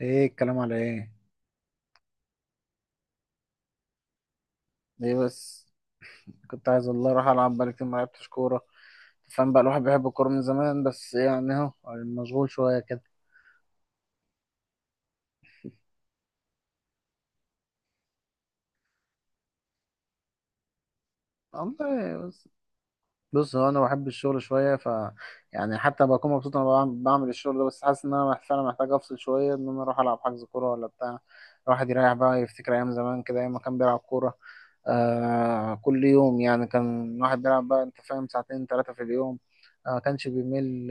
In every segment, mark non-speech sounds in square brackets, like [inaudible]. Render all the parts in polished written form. ايه الكلام على ايه؟ ليه بس؟ كنت عايز والله اروح العب، بقالي كتير ما لعبتش كوره. فاهم بقى، الواحد بيحب الكوره من زمان، بس يعني اهو مشغول شويه كده. والله بس. بص، هو انا بحب الشغل شويه، يعني حتى بكون مبسوط وانا بعمل الشغل ده، بس حاسس ان انا فعلا محتاج افصل شويه، ان انا اروح العب حجز كوره ولا بتاع. الواحد يريح بقى، يفتكر ايام زمان كده، ايام ما كان بيلعب كوره. كل يوم يعني كان الواحد بيلعب بقى، انت فاهم، ساعتين ثلاثه في اليوم. كانش بيمل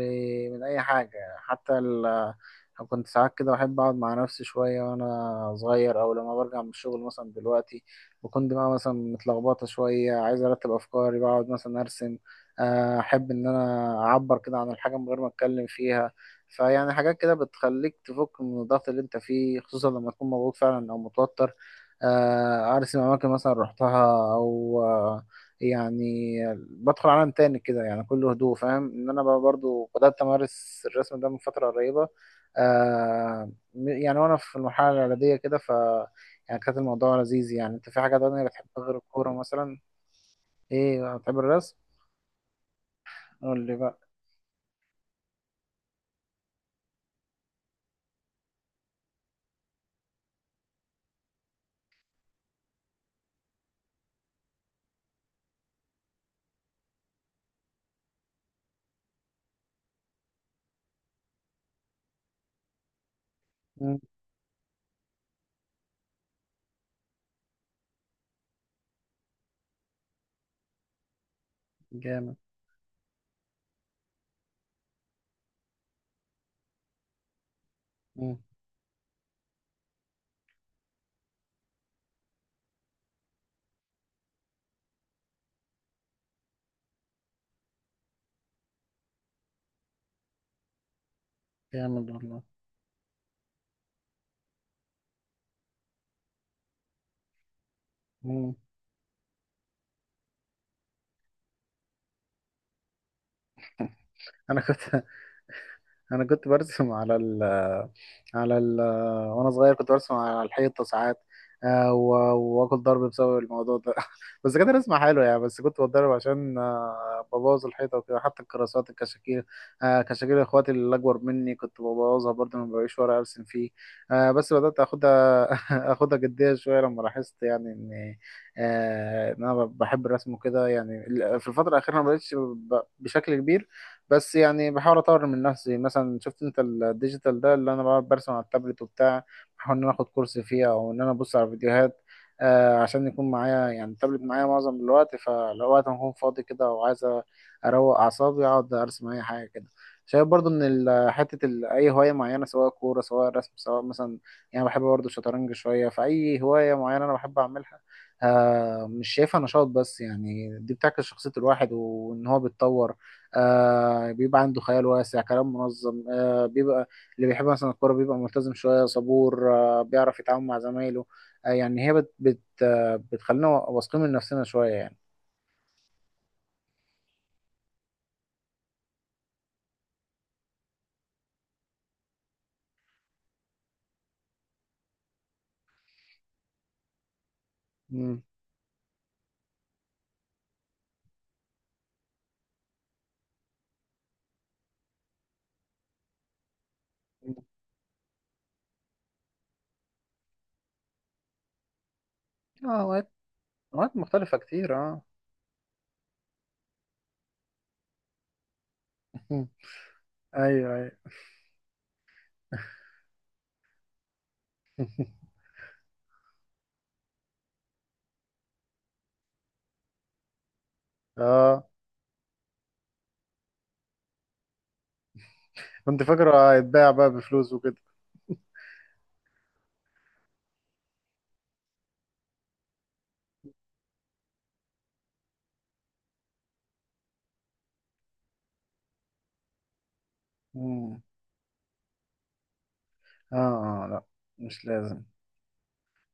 من اي حاجه، حتى كنت ساعات كده بحب أقعد مع نفسي شوية وأنا صغير، أو لما برجع من الشغل مثلا دلوقتي بكون دماغي مثلا متلخبطة شوية، عايز أرتب أفكاري، بقعد مثلا أرسم. احب ان انا اعبر كده عن الحاجه من غير ما اتكلم فيها. فيعني حاجات كده بتخليك تفك من الضغط اللي انت فيه، خصوصا لما تكون مضغوط فعلا او متوتر. ارسم اماكن مثلا رحتها، او يعني بدخل عالم تاني كده، يعني كله هدوء، فاهم؟ ان انا بقى برضو بدات امارس الرسم ده من فتره قريبه. يعني وانا في المرحله الاعداديه كده، يعني كانت الموضوع لذيذ. يعني انت في حاجه تانية بتحبها غير الكوره مثلا؟ ايه، بتحب الرسم؟ قول لي بقى. جامد. مم. جامد والله. مم. انا كنت انا كنت برسم على ال على ال وانا صغير كنت برسم على الحيطه ساعات. واكل ضرب بسبب الموضوع ده [laughs] بس كانت رسمه حلوه يعني، بس كنت بتضرب عشان ببوظ الحيطه وكده، حتى الكراسات الكشاكيل. كشاكيل اخواتي اللي اكبر مني كنت ببوظها برضه، ما بلاقيش ورق ارسم فيه. بس بدات اخدها [laughs] اخدها جديه شويه لما لاحظت يعني ان انا بحب الرسم وكده يعني. في الفتره الاخيره ما بقتش بشكل كبير. بس يعني بحاول اطور من نفسي، مثلا شفت انت الديجيتال ده اللي انا بقعد برسم على التابلت وبتاع. بحاول ان انا اخد كورس فيه، او ان انا ابص على فيديوهات. عشان يكون معايا يعني، التابلت معايا معظم الوقت، فلو وقت ما اكون فاضي كده وعايز اروق اعصابي اقعد ارسم اي حاجه كده. شايف برضو ان اي هوايه معينه، سواء كوره سواء رسم سواء مثلا، يعني بحب برضو الشطرنج شويه، فاي هوايه معينه انا بحب اعملها. مش شايفها نشاط، بس يعني دي بتعكس شخصيه الواحد وان هو بيتطور. بيبقى عنده خيال واسع، كلام منظم، بيبقى اللي بيحب مثلا الكورة بيبقى ملتزم شوية، صبور، بيعرف يتعامل مع زمايله. يعني هي بت بت آه بتخلينا واثقين من نفسنا شوية يعني. مم. اه، أوقات مختلفة كتير، اه. [laughs] ايوه، ايوه. اه، كنت فاكره هيتباع بقى بفلوس وكده. مم. اه، اه، لا، مش لازم.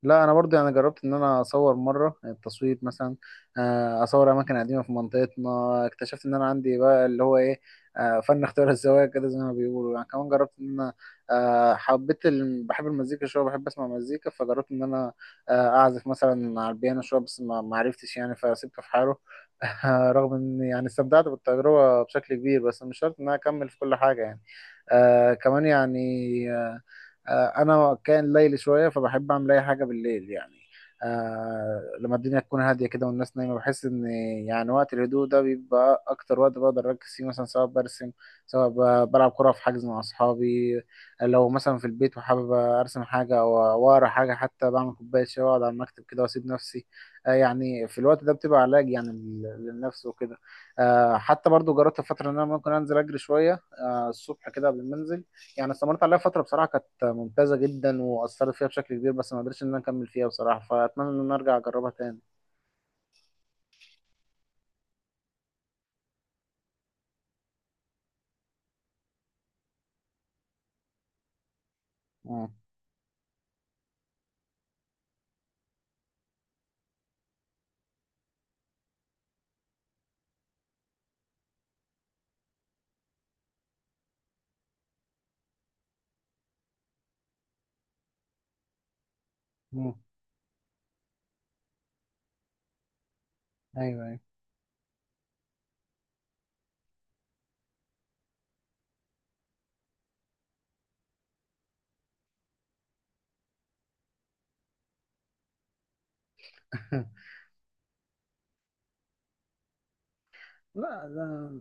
لا، انا برضه يعني جربت ان انا اصور مره، التصوير مثلا، اصور اماكن قديمه في منطقتنا. اكتشفت ان انا عندي بقى اللي هو ايه، فن اختيار الزوايا كده زي ما بيقولوا يعني. كمان جربت ان انا حبيت بحب المزيكا شويه، بحب اسمع مزيكا، فجربت ان انا اعزف مثلا على البيانو شويه، بس ما عرفتش يعني، فسيبته في حاله [laughs] رغم ان يعني استمتعت بالتجربه بشكل كبير، بس مش شرط ان انا اكمل في كل حاجه يعني. كمان يعني آه، انا كان ليلي شويه، فبحب اعمل اي حاجه بالليل يعني. لما الدنيا تكون هاديه كده والناس نايمه، بحس ان يعني وقت الهدوء ده بيبقى اكتر وقت بقدر اركز فيه، مثلا سواء برسم، سواء بلعب كره في حجز مع اصحابي، لو مثلا في البيت وحابب ارسم حاجه او واقرا حاجه، حتى بعمل كوبايه شاي واقعد على المكتب كده واسيب نفسي. يعني في الوقت ده بتبقى علاج يعني للنفس وكده. حتى برضو جربت في فتره ان انا ممكن انزل اجري شويه، الصبح كده قبل ما انزل. يعني استمرت عليها فترة بصراحة، كانت ممتازة جدا وأثرت فيها بشكل كبير، بس ما قدرتش إن أنا أكمل فيها بصراحة، فأتمنى إن أنا أرجع أجربها تاني. مم. مم. ايوه، ايوه. [laughs] لا، لا.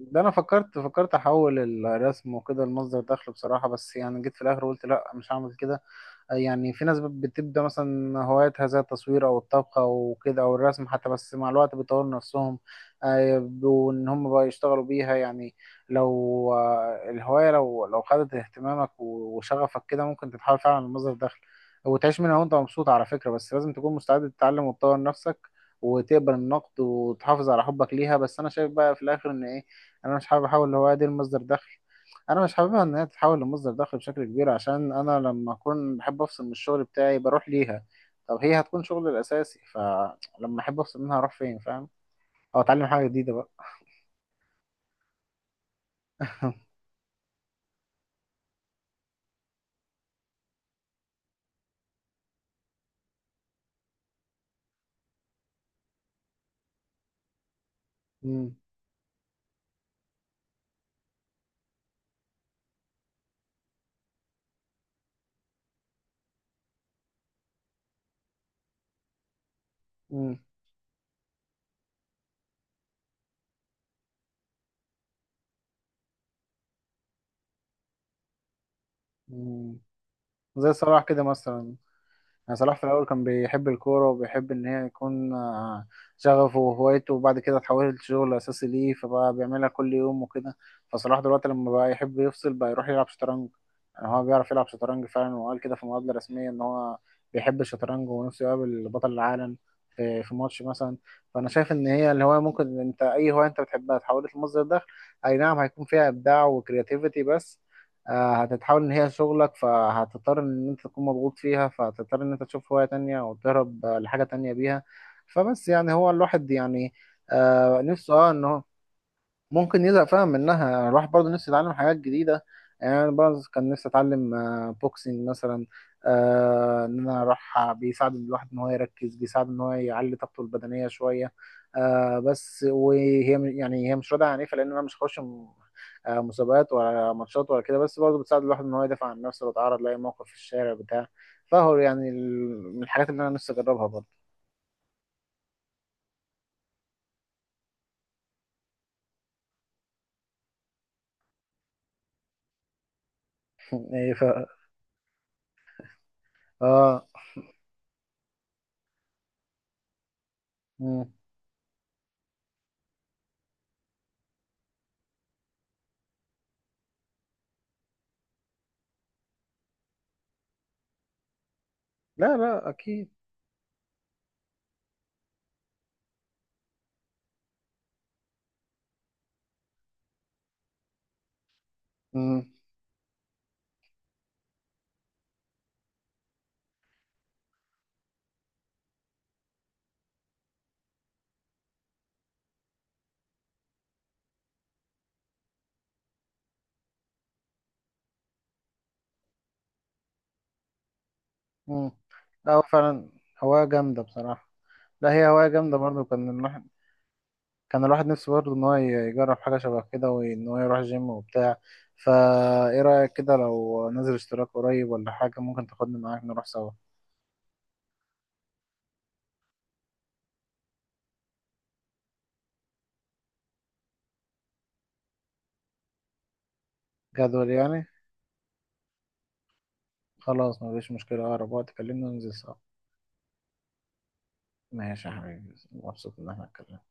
ده انا فكرت احول الرسم وكده لمصدر دخل بصراحه، بس يعني جيت في الاخر قلت لا، مش هعمل كده. يعني في ناس بتبدا مثلا هواياتها زي التصوير او الطبخ او كده او الرسم حتى، بس مع الوقت بيطوروا نفسهم وان هم بقى يشتغلوا بيها يعني. لو الهوايه لو خدت اهتمامك وشغفك كده، ممكن تتحول فعلا لمصدر دخل وتعيش منها وانت مبسوط على فكره، بس لازم تكون مستعد تتعلم وتطور نفسك وتقبل النقد وتحافظ على حبك ليها. بس انا شايف بقى في الاخر ان ايه، انا مش حابب احول الهوايه دي لمصدر دخل. انا مش حاببها ان هي تتحول لمصدر دخل بشكل كبير، عشان انا لما اكون بحب افصل من الشغل بتاعي بروح ليها. طب هي هتكون شغلي الاساسي، فلما احب افصل منها اروح فين، فاهم؟ او اتعلم حاجه جديده بقى. [laughs] مم. مم. مم. زي صلاح كده مثلا، يعني صلاح في الأول كان بيحب الكورة وبيحب إن هي يكون شغفه وهوايته، وبعد كده اتحولت شغل أساسي ليه، فبقى بيعملها كل يوم وكده. فصلاح دلوقتي لما بقى يحب يفصل، بقى يروح يلعب شطرنج، يعني هو بيعرف يلعب شطرنج فعلا، وقال كده في مقابلة رسمية إن هو بيحب الشطرنج ونفسه يقابل بطل العالم في ماتش مثلا. فأنا شايف إن هي الهواية ممكن، أنت أي هواية أنت بتحبها اتحولت لمصدر دخل، أي نعم هيكون فيها إبداع وكرياتيفيتي، بس هتتحول ان هي شغلك، فهتضطر ان انت تكون مضغوط فيها، فهتضطر ان انت تشوف هواية تانية او تهرب لحاجة تانية بيها. فبس يعني هو الواحد يعني، نفسه ان هو ممكن يزهق فعلا منها. يعني الواحد برضه نفسه يتعلم حاجات جديدة، يعني أنا برضه كان نفسي أتعلم بوكسينج مثلا، إن أنا أروح بيساعد الواحد إن هو يركز، بيساعد إن هو يعلي طاقته البدنية شوية. بس وهي يعني هي مش راضية، عن لأن أنا مش هخش مسابقات ولا ماتشات ولا كده، بس برضه بتساعد الواحد إن هو يدافع عن نفسه لو اتعرض لأي موقف في الشارع بتاع. فهو يعني من الحاجات اللي أنا نفسي أجربها برضه. [laughs] إيه، آه. مم. لا، لا، أكيد. مم. مم. لا، هو فعلا هواية جامدة بصراحة. لا، هي هواية جامدة برضه. كان الواحد نفسه برضه إن هو يجرب حاجة شبه كده، وإن هو يروح جيم وبتاع. فا إيه رأيك كده لو نزل اشتراك قريب ولا حاجة؟ ممكن تاخدني معاك نروح سوا. جدول يعني. خلاص، مفيش مشكلة، أقرب وقت كلمني وننزل سوا. ماشي يا حبيبي، مبسوط إن احنا اتكلمنا.